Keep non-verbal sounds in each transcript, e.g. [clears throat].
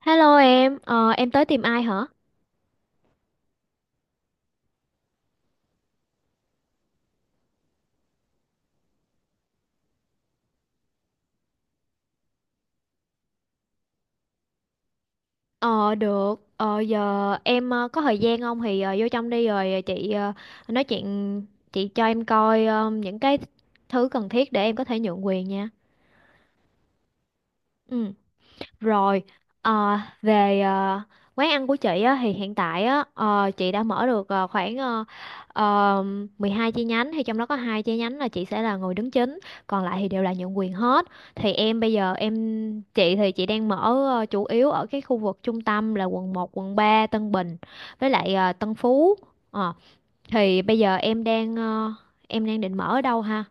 Hello em, em tới tìm ai hả? Giờ em có thời gian không thì vô trong đi rồi chị nói chuyện, chị cho em coi những cái thứ cần thiết để em có thể nhượng quyền nha. Ừ. Rồi, ờ, về ờ, quán ăn của chị á, thì hiện tại á, chị đã mở được khoảng ờ, 12 chi nhánh thì trong đó có 2 chi nhánh là chị sẽ là người đứng chính, còn lại thì đều là nhượng quyền hết. Thì em bây giờ em Chị thì chị đang mở chủ yếu ở cái khu vực trung tâm là quận một quận 3 Tân Bình với lại Tân Phú. Ờ, thì bây giờ em đang định mở ở đâu ha?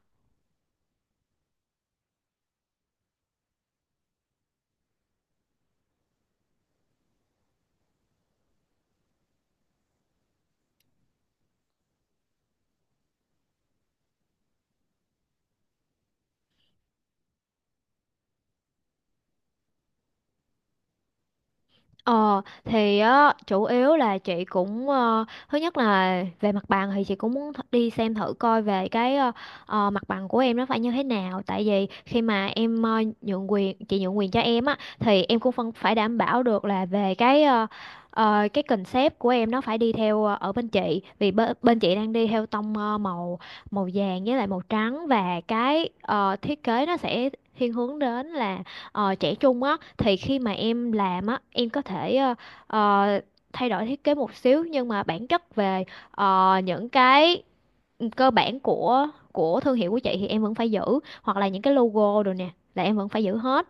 Ờ thì Á chủ yếu là chị cũng thứ nhất là về mặt bằng thì chị cũng muốn đi xem thử coi về cái mặt bằng của em nó phải như thế nào tại vì khi mà em ờ, nhượng quyền chị nhượng quyền cho em á thì em cũng phân phải đảm bảo được là về cái cái concept của em nó phải đi theo ở bên chị vì bên chị đang đi theo tông ờ, màu màu vàng với lại màu trắng và cái thiết kế nó sẽ thiên hướng đến là trẻ trung á thì khi mà em làm á em có thể ờ, thay đổi thiết kế một xíu nhưng mà bản chất về những cái cơ bản của thương hiệu của chị thì em vẫn phải giữ, hoặc là những cái logo rồi nè là em vẫn phải giữ hết.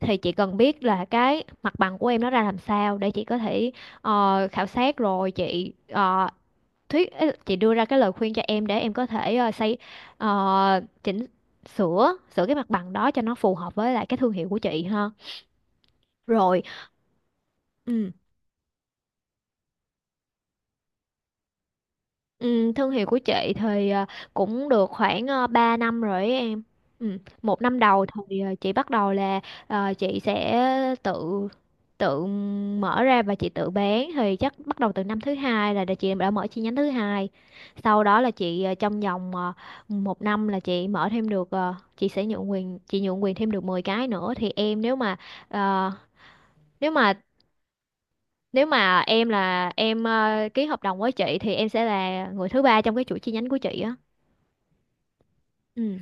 Thì chị cần biết là cái mặt bằng của em nó ra làm sao để chị có thể khảo sát rồi chị ờ, thuyết ý là chị đưa ra cái lời khuyên cho em để em có thể chỉnh sửa sửa cái mặt bằng đó cho nó phù hợp với lại cái thương hiệu của chị ha. Rồi, ừ, ừ, thương hiệu của chị thì cũng được khoảng 3 năm rồi ấy em. Ừ, một năm đầu thì chị bắt đầu là chị sẽ tự tự mở ra và chị tự bán thì chắc bắt đầu từ năm thứ hai là chị đã mở chi nhánh thứ hai. Sau đó là chị trong vòng một năm là chị mở thêm được chị sẽ nhượng quyền thêm được 10 cái nữa. Thì em nếu mà ờ, nếu mà Nếu mà em là em ký hợp đồng với chị thì em sẽ là người thứ ba trong cái chuỗi chi nhánh của chị á. Ừ.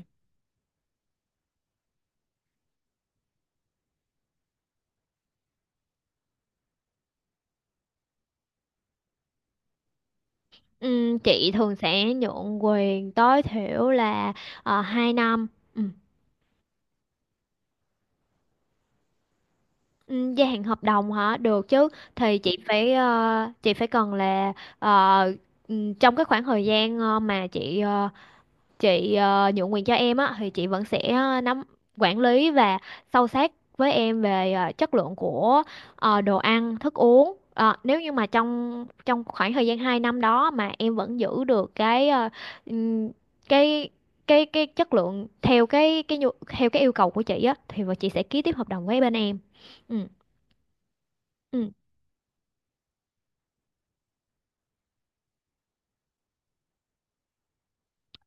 Ừ, chị thường sẽ nhượng quyền tối thiểu là 2 năm. Ừ. Ừ, gia hạn hợp đồng hả? Được chứ. Thì chị phải chị phải cần là ờ, trong cái khoảng thời gian mà chị nhượng quyền cho em á thì chị vẫn sẽ nắm quản lý và sâu sát với em về chất lượng của đồ ăn thức uống. Ờ, nếu như mà trong trong khoảng thời gian 2 năm đó mà em vẫn giữ được cái ừm, cái chất lượng theo theo cái yêu cầu của chị á thì vợ chị sẽ ký tiếp hợp đồng với bên em. Ừ. Ừ.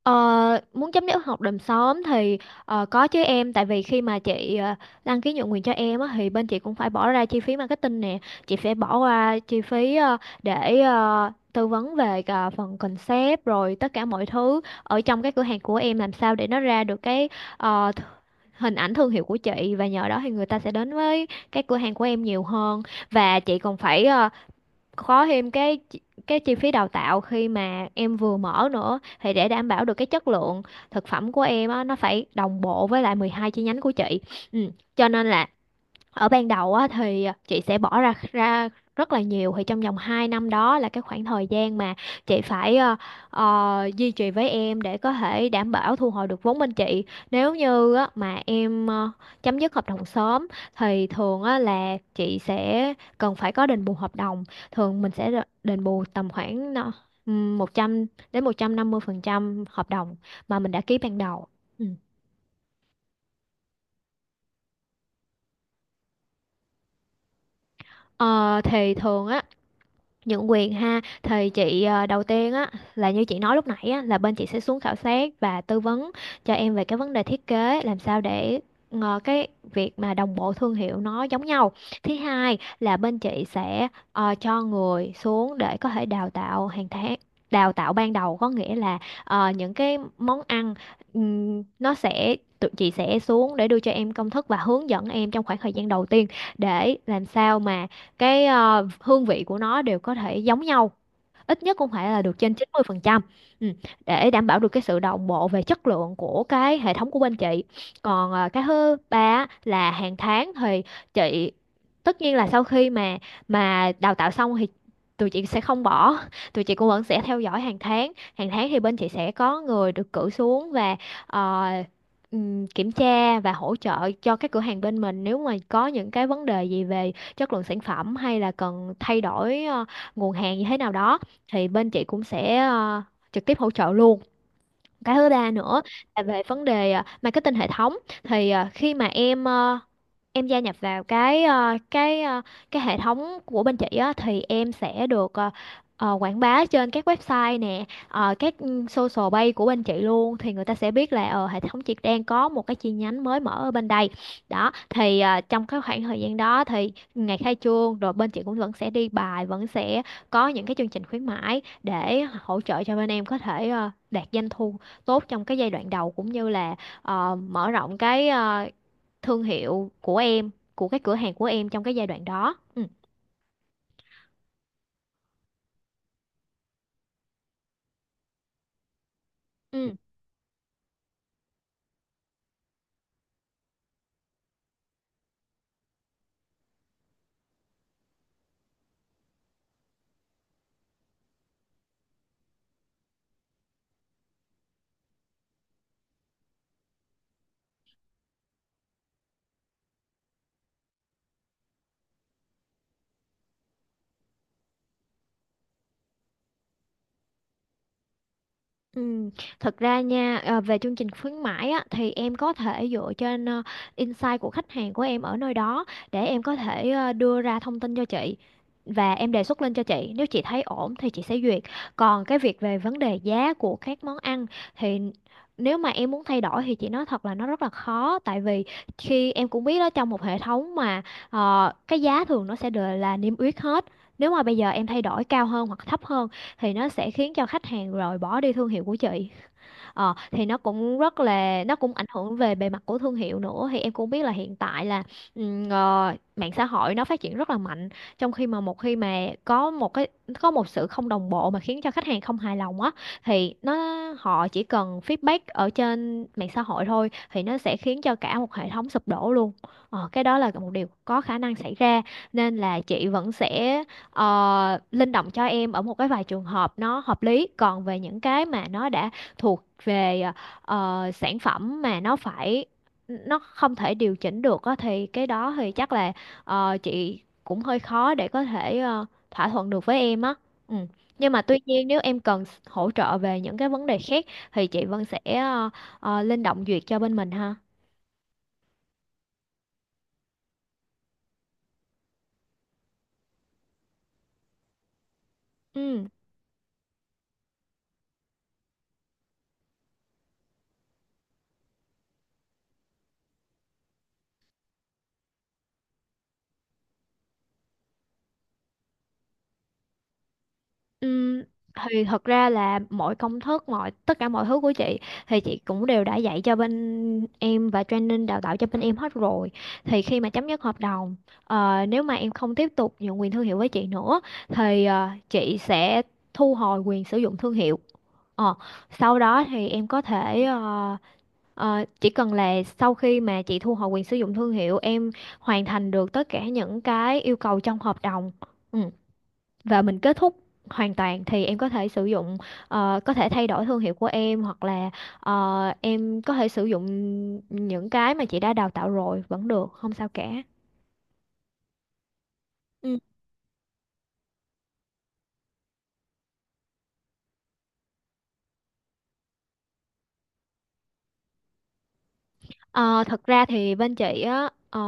Ờ, muốn chấm dứt hợp đồng sớm thì có chứ em, tại vì khi mà chị đăng ký nhượng quyền cho em á, thì bên chị cũng phải bỏ ra chi phí marketing nè, chị phải bỏ qua chi phí để tư vấn về cả phần concept rồi tất cả mọi thứ ở trong cái cửa hàng của em làm sao để nó ra được cái ờ, th- hình ảnh thương hiệu của chị, và nhờ đó thì người ta sẽ đến với cái cửa hàng của em nhiều hơn. Và chị còn phải có thêm cái chi phí đào tạo khi mà em vừa mở nữa, thì để đảm bảo được cái chất lượng thực phẩm của em á, nó phải đồng bộ với lại 12 chi nhánh của chị. Ừ. Cho nên là ở ban đầu á, thì à, chị sẽ bỏ ra ra rất là nhiều. Thì trong vòng 2 năm đó là cái khoảng thời gian mà chị phải duy trì với em để có thể đảm bảo thu hồi được vốn bên chị. Nếu như á, mà em chấm dứt hợp đồng sớm thì thường á, là chị sẽ cần phải có đền bù hợp đồng. Thường mình sẽ đền bù tầm khoảng 100 đến 150% hợp đồng mà mình đã ký ban đầu. Ừ. Ờ, thì thường á nhượng quyền ha thì chị đầu tiên á là như chị nói lúc nãy á, là bên chị sẽ xuống khảo sát và tư vấn cho em về cái vấn đề thiết kế làm sao để cái việc mà đồng bộ thương hiệu nó giống nhau. Thứ hai là bên chị sẽ cho người xuống để có thể đào tạo hàng tháng. Đào tạo ban đầu có nghĩa là những cái món ăn, nó sẽ tụi chị sẽ xuống để đưa cho em công thức và hướng dẫn em trong khoảng thời gian đầu tiên để làm sao mà cái hương vị của nó đều có thể giống nhau, ít nhất cũng phải là được trên 90%. Ừ, để đảm bảo được cái sự đồng bộ về chất lượng của cái hệ thống của bên chị. Còn à, cái thứ ba á, là hàng tháng thì chị, tất nhiên là sau khi mà đào tạo xong thì tụi chị sẽ không bỏ, tụi chị cũng vẫn sẽ theo dõi hàng tháng. Hàng tháng thì bên chị sẽ có người được cử xuống và ờ, kiểm tra và hỗ trợ cho các cửa hàng bên mình, nếu mà có những cái vấn đề gì về chất lượng sản phẩm hay là cần thay đổi nguồn hàng như thế nào đó thì bên chị cũng sẽ trực tiếp hỗ trợ luôn. Cái thứ ba nữa là về vấn đề marketing hệ thống, thì khi mà em gia nhập vào cái hệ thống của bên chị á thì em sẽ được quảng bá trên các website nè, các social page của bên chị luôn, thì người ta sẽ biết là hệ thống chị đang có một cái chi nhánh mới mở ở bên đây. Đó, thì trong cái khoảng thời gian đó thì ngày khai trương rồi bên chị cũng vẫn sẽ đi bài, vẫn sẽ có những cái chương trình khuyến mãi để hỗ trợ cho bên em có thể đạt doanh thu tốt trong cái giai đoạn đầu, cũng như là mở rộng cái thương hiệu của em, của cái cửa hàng của em trong cái giai đoạn đó. Ừ. Ừ. Ừ. Thật ra nha, về chương trình khuyến mãi á, thì em có thể dựa trên insight của khách hàng của em ở nơi đó để em có thể đưa ra thông tin cho chị và em đề xuất lên cho chị, nếu chị thấy ổn thì chị sẽ duyệt. Còn cái việc về vấn đề giá của các món ăn thì nếu mà em muốn thay đổi thì chị nói thật là nó rất là khó, tại vì khi em cũng biết đó, trong một hệ thống mà cái giá thường nó sẽ đều là niêm yết hết, nếu mà bây giờ em thay đổi cao hơn hoặc thấp hơn thì nó sẽ khiến cho khách hàng rồi bỏ đi thương hiệu của chị. Ờ, thì nó cũng rất là nó cũng ảnh hưởng về bề mặt của thương hiệu nữa, thì em cũng biết là hiện tại là mạng xã hội nó phát triển rất là mạnh, trong khi mà một khi mà có một sự không đồng bộ mà khiến cho khách hàng không hài lòng á thì nó, họ chỉ cần feedback ở trên mạng xã hội thôi thì nó sẽ khiến cho cả một hệ thống sụp đổ luôn. Ờ, cái đó là một điều có khả năng xảy ra, nên là chị vẫn sẽ linh động cho em ở một cái vài trường hợp nó hợp lý. Còn về những cái mà nó đã thuộc về sản phẩm mà nó phải, nó không thể điều chỉnh được á thì cái đó thì chắc là chị cũng hơi khó để có thể thỏa thuận được với em á. Ừ. Nhưng mà tuy nhiên, nếu em cần hỗ trợ về những cái vấn đề khác thì chị vẫn sẽ linh động duyệt cho bên mình ha. Ừ. Ừm, thì thật ra là mọi công thức, mọi tất cả mọi thứ của chị thì chị cũng đều đã dạy cho bên em và training đào tạo cho bên em hết rồi. Thì khi mà chấm dứt hợp đồng, nếu mà em không tiếp tục nhượng quyền thương hiệu với chị nữa thì chị sẽ thu hồi quyền sử dụng thương hiệu. Ờ, Sau đó thì em có thể chỉ cần là sau khi mà chị thu hồi quyền sử dụng thương hiệu, em hoàn thành được tất cả những cái yêu cầu trong hợp đồng, Ừ, và mình kết thúc hoàn toàn thì em có thể sử dụng, có thể thay đổi thương hiệu của em, hoặc là em có thể sử dụng những cái mà chị đã đào tạo rồi vẫn được, không sao cả. Ừ. Ờ, thật ra thì bên chị á,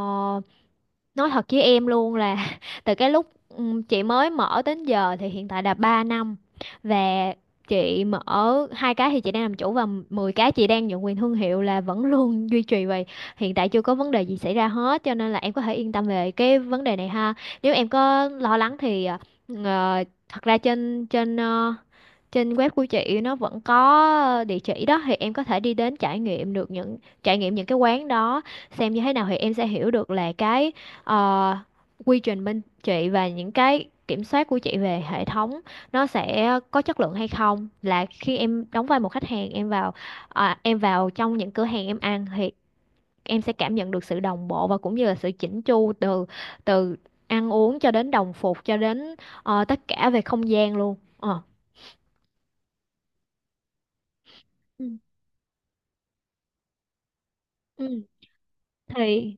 nói thật với em luôn là [laughs] từ cái lúc chị mới mở đến giờ thì hiện tại là 3 năm, và chị mở 2 cái thì chị đang làm chủ, và 10 cái chị đang nhận quyền thương hiệu là vẫn [laughs] luôn duy trì vậy. Hiện tại chưa có vấn đề gì xảy ra hết, cho nên là em có thể yên tâm về cái vấn đề này ha. Nếu em có lo lắng thì thật ra trên trên trên web của chị nó vẫn có địa chỉ đó, thì em có thể đi đến trải nghiệm được những trải nghiệm những cái quán đó, xem như thế nào thì em sẽ hiểu được là cái ờ, quy trình bên chị và những cái kiểm soát của chị về hệ thống nó sẽ có chất lượng hay không. Là khi em đóng vai một khách hàng em vào, à, em vào trong những cửa hàng em ăn thì em sẽ cảm nhận được sự đồng bộ và cũng như là sự chỉnh chu từ từ ăn uống cho đến đồng phục, cho đến tất cả về không gian luôn. Ờ. Ừ. Ừ. Thì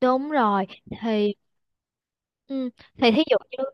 đúng rồi, thì ừ, thì thí dụ như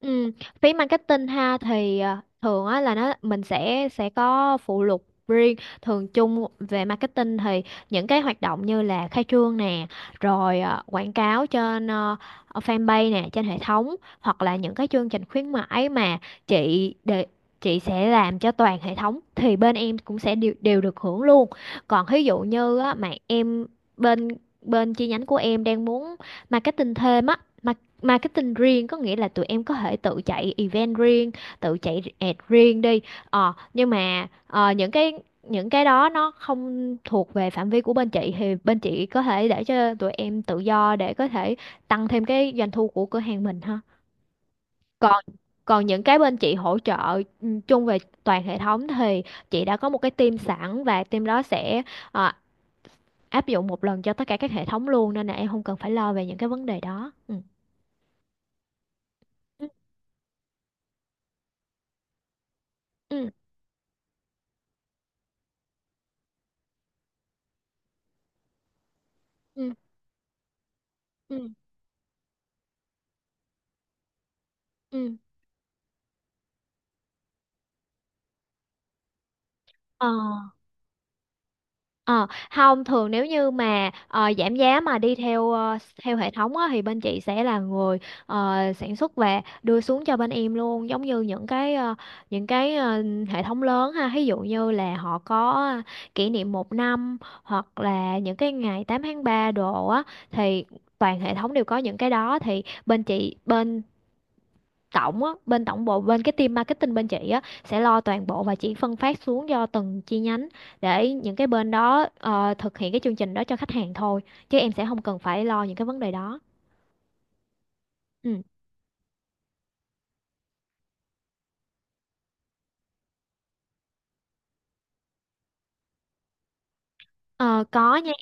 Ừ, phí marketing ha, thì à, thường á là nó mình sẽ có phụ lục riêng, thường chung về marketing thì những cái hoạt động như là khai trương nè, rồi à, quảng cáo trên fanpage nè, trên hệ thống, hoặc là những cái chương trình khuyến mãi mà chị để, chị sẽ làm cho toàn hệ thống thì bên em cũng sẽ đều được hưởng luôn. Còn ví dụ như á, mà em bên bên chi nhánh của em đang muốn marketing thêm á, marketing riêng, có nghĩa là tụi em có thể tự chạy event riêng, tự chạy ad riêng đi. Ờ, nhưng mà những cái đó nó không thuộc về phạm vi của bên chị thì bên chị có thể để cho tụi em tự do để có thể tăng thêm cái doanh thu của cửa hàng mình ha. Còn còn những cái bên chị hỗ trợ ừ, chung về toàn hệ thống thì chị đã có một cái team sẵn, và team đó sẽ ờ, áp dụng một lần cho tất cả các hệ thống luôn, nên là em không cần phải lo về những cái vấn đề đó. Ừ. Ừ. Ừ. Ừ. Ừ. Ờ, ờ, không, thường nếu như mà giảm giá mà đi theo theo hệ thống á, thì bên chị sẽ là người sản xuất và đưa xuống cho bên em luôn, giống như những cái những cái hệ thống lớn ha, ví dụ như là họ có kỷ niệm 1 năm, hoặc là những cái ngày 8/3 đồ á thì toàn hệ thống đều có những cái đó, thì bên chị bên tổng á, bên tổng bộ, bên cái team marketing bên chị á sẽ lo toàn bộ, và chỉ phân phát xuống cho từng chi nhánh để những cái bên đó thực hiện cái chương trình đó cho khách hàng thôi, chứ em sẽ không cần phải lo những cái vấn đề đó. Ừ. Ờ, có nha.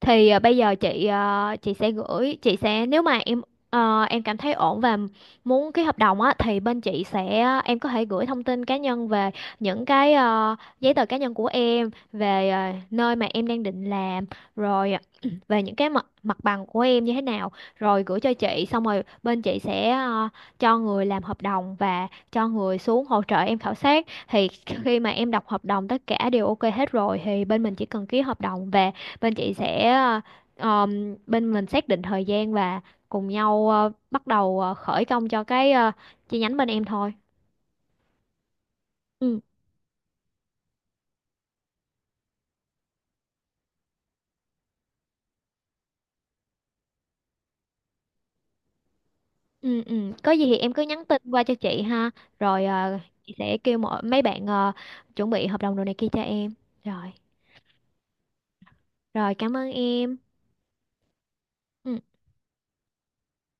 Thì bây giờ chị, chị sẽ gửi, chị sẽ, nếu mà em em cảm thấy ổn và muốn ký hợp đồng á thì bên chị sẽ, em có thể gửi thông tin cá nhân về những cái giấy tờ cá nhân của em, về nơi mà em đang định làm, rồi [clears throat] về những cái mặt mặt bằng của em như thế nào, rồi gửi cho chị, xong rồi bên chị sẽ cho người làm hợp đồng và cho người xuống hỗ trợ em khảo sát. Thì khi mà em đọc hợp đồng tất cả đều ok hết rồi thì bên mình chỉ cần ký hợp đồng về, bên chị sẽ bên mình xác định thời gian và cùng nhau bắt đầu khởi công cho cái chi nhánh bên em thôi. Ừ. Ừ, ừ, có gì thì em cứ nhắn tin qua cho chị ha. Rồi, chị sẽ kêu mọi mấy bạn chuẩn bị hợp đồng đồ này kia cho em, rồi. Rồi, cảm ơn em. Ừ.